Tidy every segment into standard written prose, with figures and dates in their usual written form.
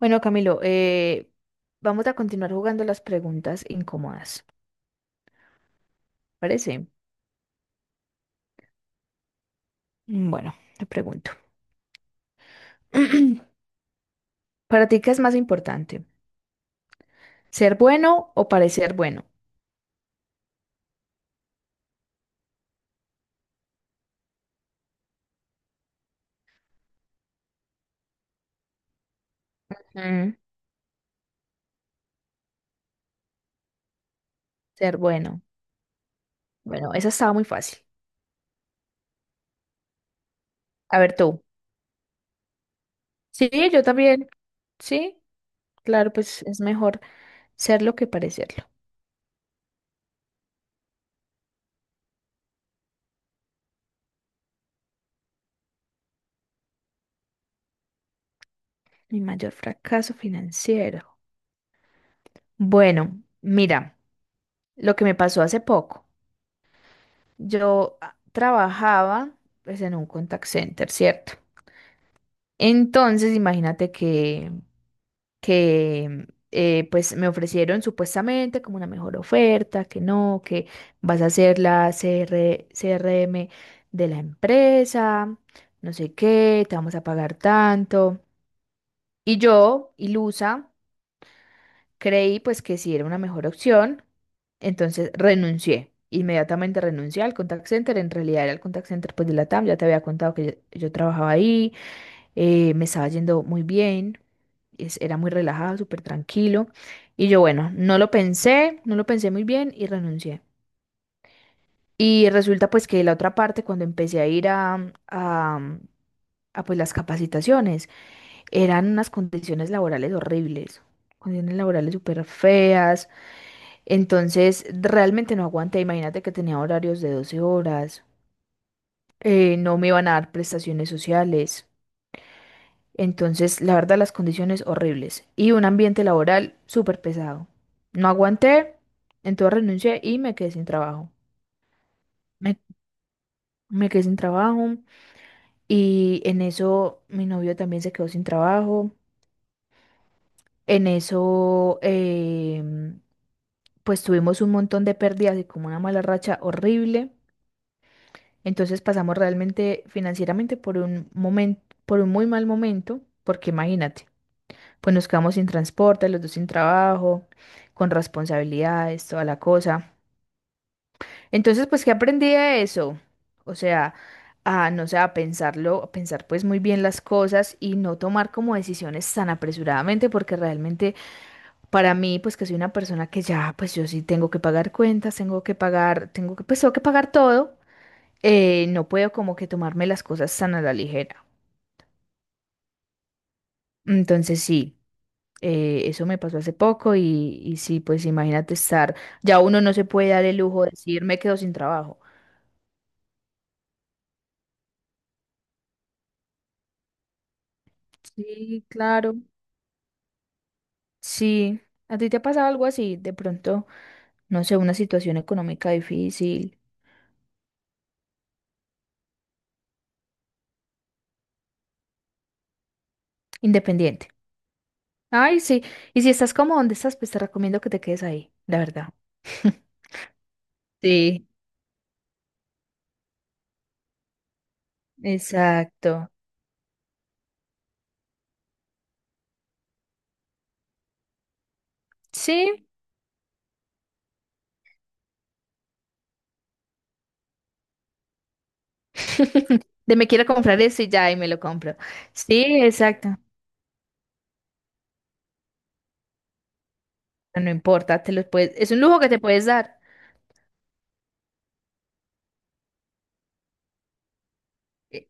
Bueno, Camilo, vamos a continuar jugando las preguntas incómodas. ¿Parece? Bueno, te pregunto. ¿Para ti qué es más importante? ¿Ser bueno o parecer bueno? Mm, ser bueno. Bueno, esa estaba muy fácil. A ver tú. Sí, yo también. Sí, claro, pues es mejor serlo que parecerlo. Mi mayor fracaso financiero. Bueno, mira, lo que me pasó hace poco. Yo trabajaba pues en un contact center, ¿cierto? Entonces, imagínate que pues me ofrecieron supuestamente como una mejor oferta, que no, que vas a ser la CRM de la empresa, no sé qué, te vamos a pagar tanto. Y yo, ilusa. Creí pues que sí era una mejor opción, entonces renuncié. Inmediatamente renuncié al contact center, en realidad era el contact center pues de la TAM, ya te había contado que yo trabajaba ahí, me estaba yendo muy bien, era muy relajado, súper tranquilo. Y yo bueno, no lo pensé muy bien y renuncié. Y resulta pues que la otra parte, cuando empecé a ir a, a, a pues las capacitaciones, eran unas condiciones laborales horribles, condiciones laborales súper feas entonces, realmente no aguanté. Imagínate que tenía horarios de 12 horas. No me iban a dar prestaciones sociales. Entonces, la verdad, las condiciones horribles. Y un ambiente laboral súper pesado. No aguanté. Entonces renuncié y me quedé sin trabajo. Me, me quedé sin trabajo. Y en eso mi novio también se quedó sin trabajo. En eso, pues tuvimos un montón de pérdidas y como una mala racha horrible. Entonces pasamos realmente financieramente por un momento, por un muy mal momento, porque imagínate, pues nos quedamos sin transporte, los dos sin trabajo, con responsabilidades, toda la cosa. Entonces, pues, ¿qué aprendí de eso? O sea, no sé, a pensarlo, a pensar pues muy bien las cosas y no tomar como decisiones tan apresuradamente, porque realmente para mí, pues que soy una persona que ya, pues yo sí tengo que pagar cuentas, tengo que pagar, tengo que, pues tengo que pagar todo no puedo como que tomarme las cosas tan a la ligera. Entonces sí, eso me pasó hace poco y sí, pues imagínate estar, ya uno no se puede dar el lujo de decir me quedo sin trabajo. Sí, claro, sí. ¿A ti te ha pasado algo así? De pronto, no sé, una situación económica difícil, independiente. Ay, sí. Y si estás como donde estás, pues te recomiendo que te quedes ahí, la verdad. Sí, exacto. Sí, De me quiero comprar eso y ya, y me lo compro. Sí, exacto. No importa, te lo puedes, es un lujo que te puedes dar. E-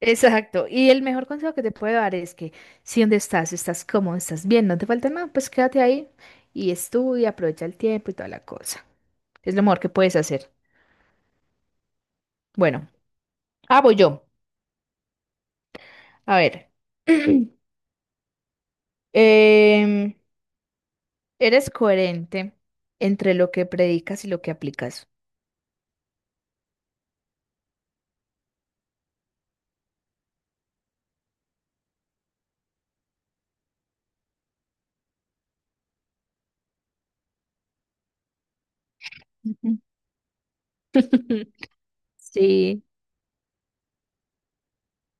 Exacto. Y el mejor consejo que te puedo dar es que si donde estás, estás cómodo, estás bien, no te falta nada, pues quédate ahí y estudia, aprovecha el tiempo y toda la cosa. Es lo mejor que puedes hacer. Bueno, ah, voy yo. A ver. Em, Eres coherente entre lo que predicas y lo que aplicas. Ujú. Sí,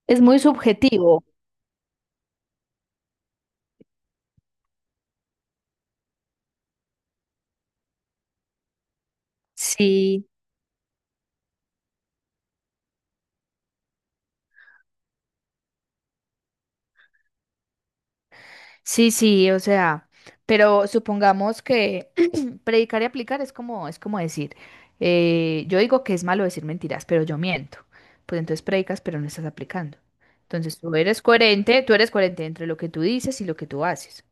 es muy subjetivo. Sí, sí, sí, o sea, pero supongamos que predicar y aplicar es como decir, yo digo que es malo decir mentiras, pero yo miento. Pues entonces predicas, pero no estás aplicando. Entonces tú eres coherente entre lo que tú dices y lo que tú haces.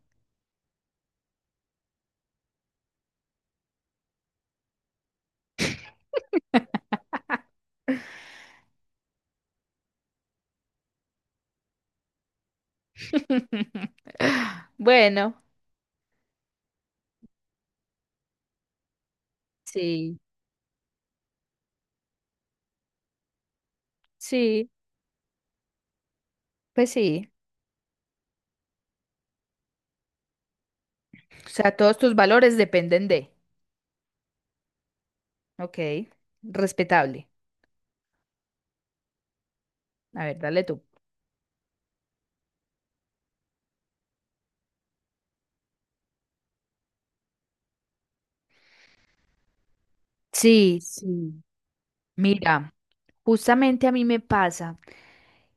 Bueno, sí, sí, pues sí. O sea, todos tus valores dependen de, ok, respetable. A ver, dale tú. Sí, sí. Mira, justamente a mí me pasa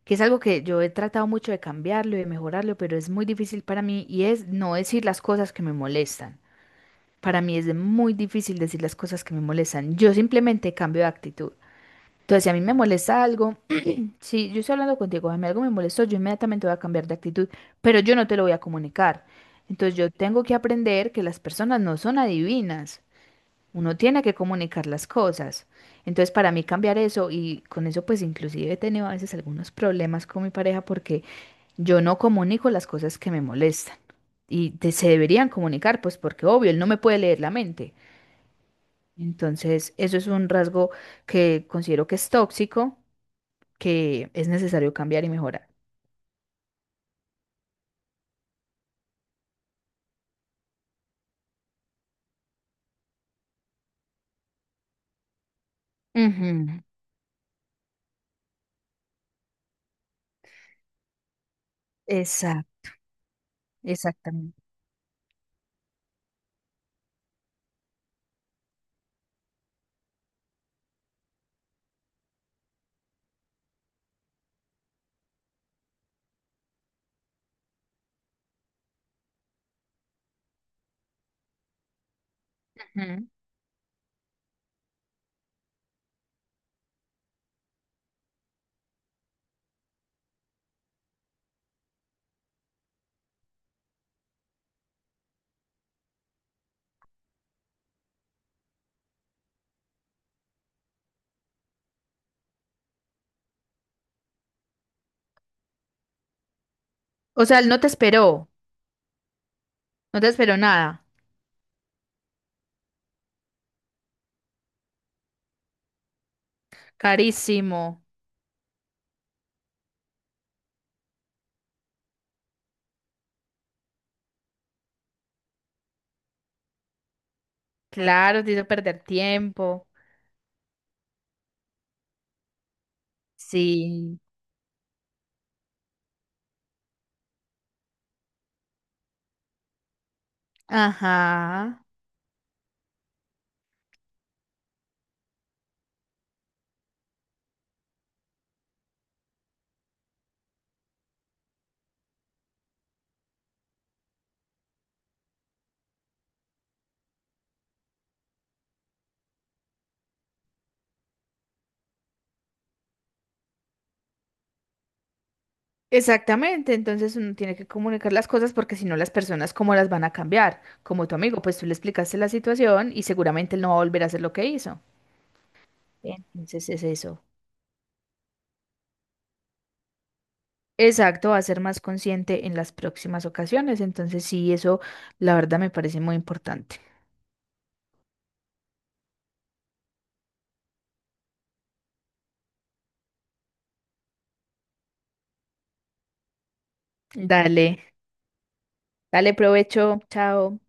que es algo que yo he tratado mucho de cambiarlo y de mejorarlo, pero es muy difícil para mí y es no decir las cosas que me molestan. Para mí es muy difícil decir las cosas que me molestan. Yo simplemente cambio de actitud. Entonces, si a mí me molesta algo, si yo estoy hablando contigo, a mí algo me molestó, yo inmediatamente voy a cambiar de actitud, pero yo no te lo voy a comunicar. Entonces, yo tengo que aprender que las personas no son adivinas. Uno tiene que comunicar las cosas. Entonces, para mí cambiar eso, y con eso pues inclusive he tenido a veces algunos problemas con mi pareja porque yo no comunico las cosas que me molestan. Y se deberían comunicar, pues porque obvio, él no me puede leer la mente. Entonces, eso es un rasgo que considero que es tóxico, que es necesario cambiar y mejorar. Ujú, Exacto, exactamente. Ujú. O sea, él no te esperó, no te esperó nada. Carísimo, claro, te hizo perder tiempo. Sí, ajá, Exactamente, entonces uno tiene que comunicar las cosas porque si no las personas cómo las van a cambiar. Como tu amigo, pues tú le explicaste la situación y seguramente él no va a volver a hacer lo que hizo. Entonces es eso. Exacto, va a ser más consciente en las próximas ocasiones. Entonces sí, eso la verdad me parece muy importante. Dale, dale provecho, chao.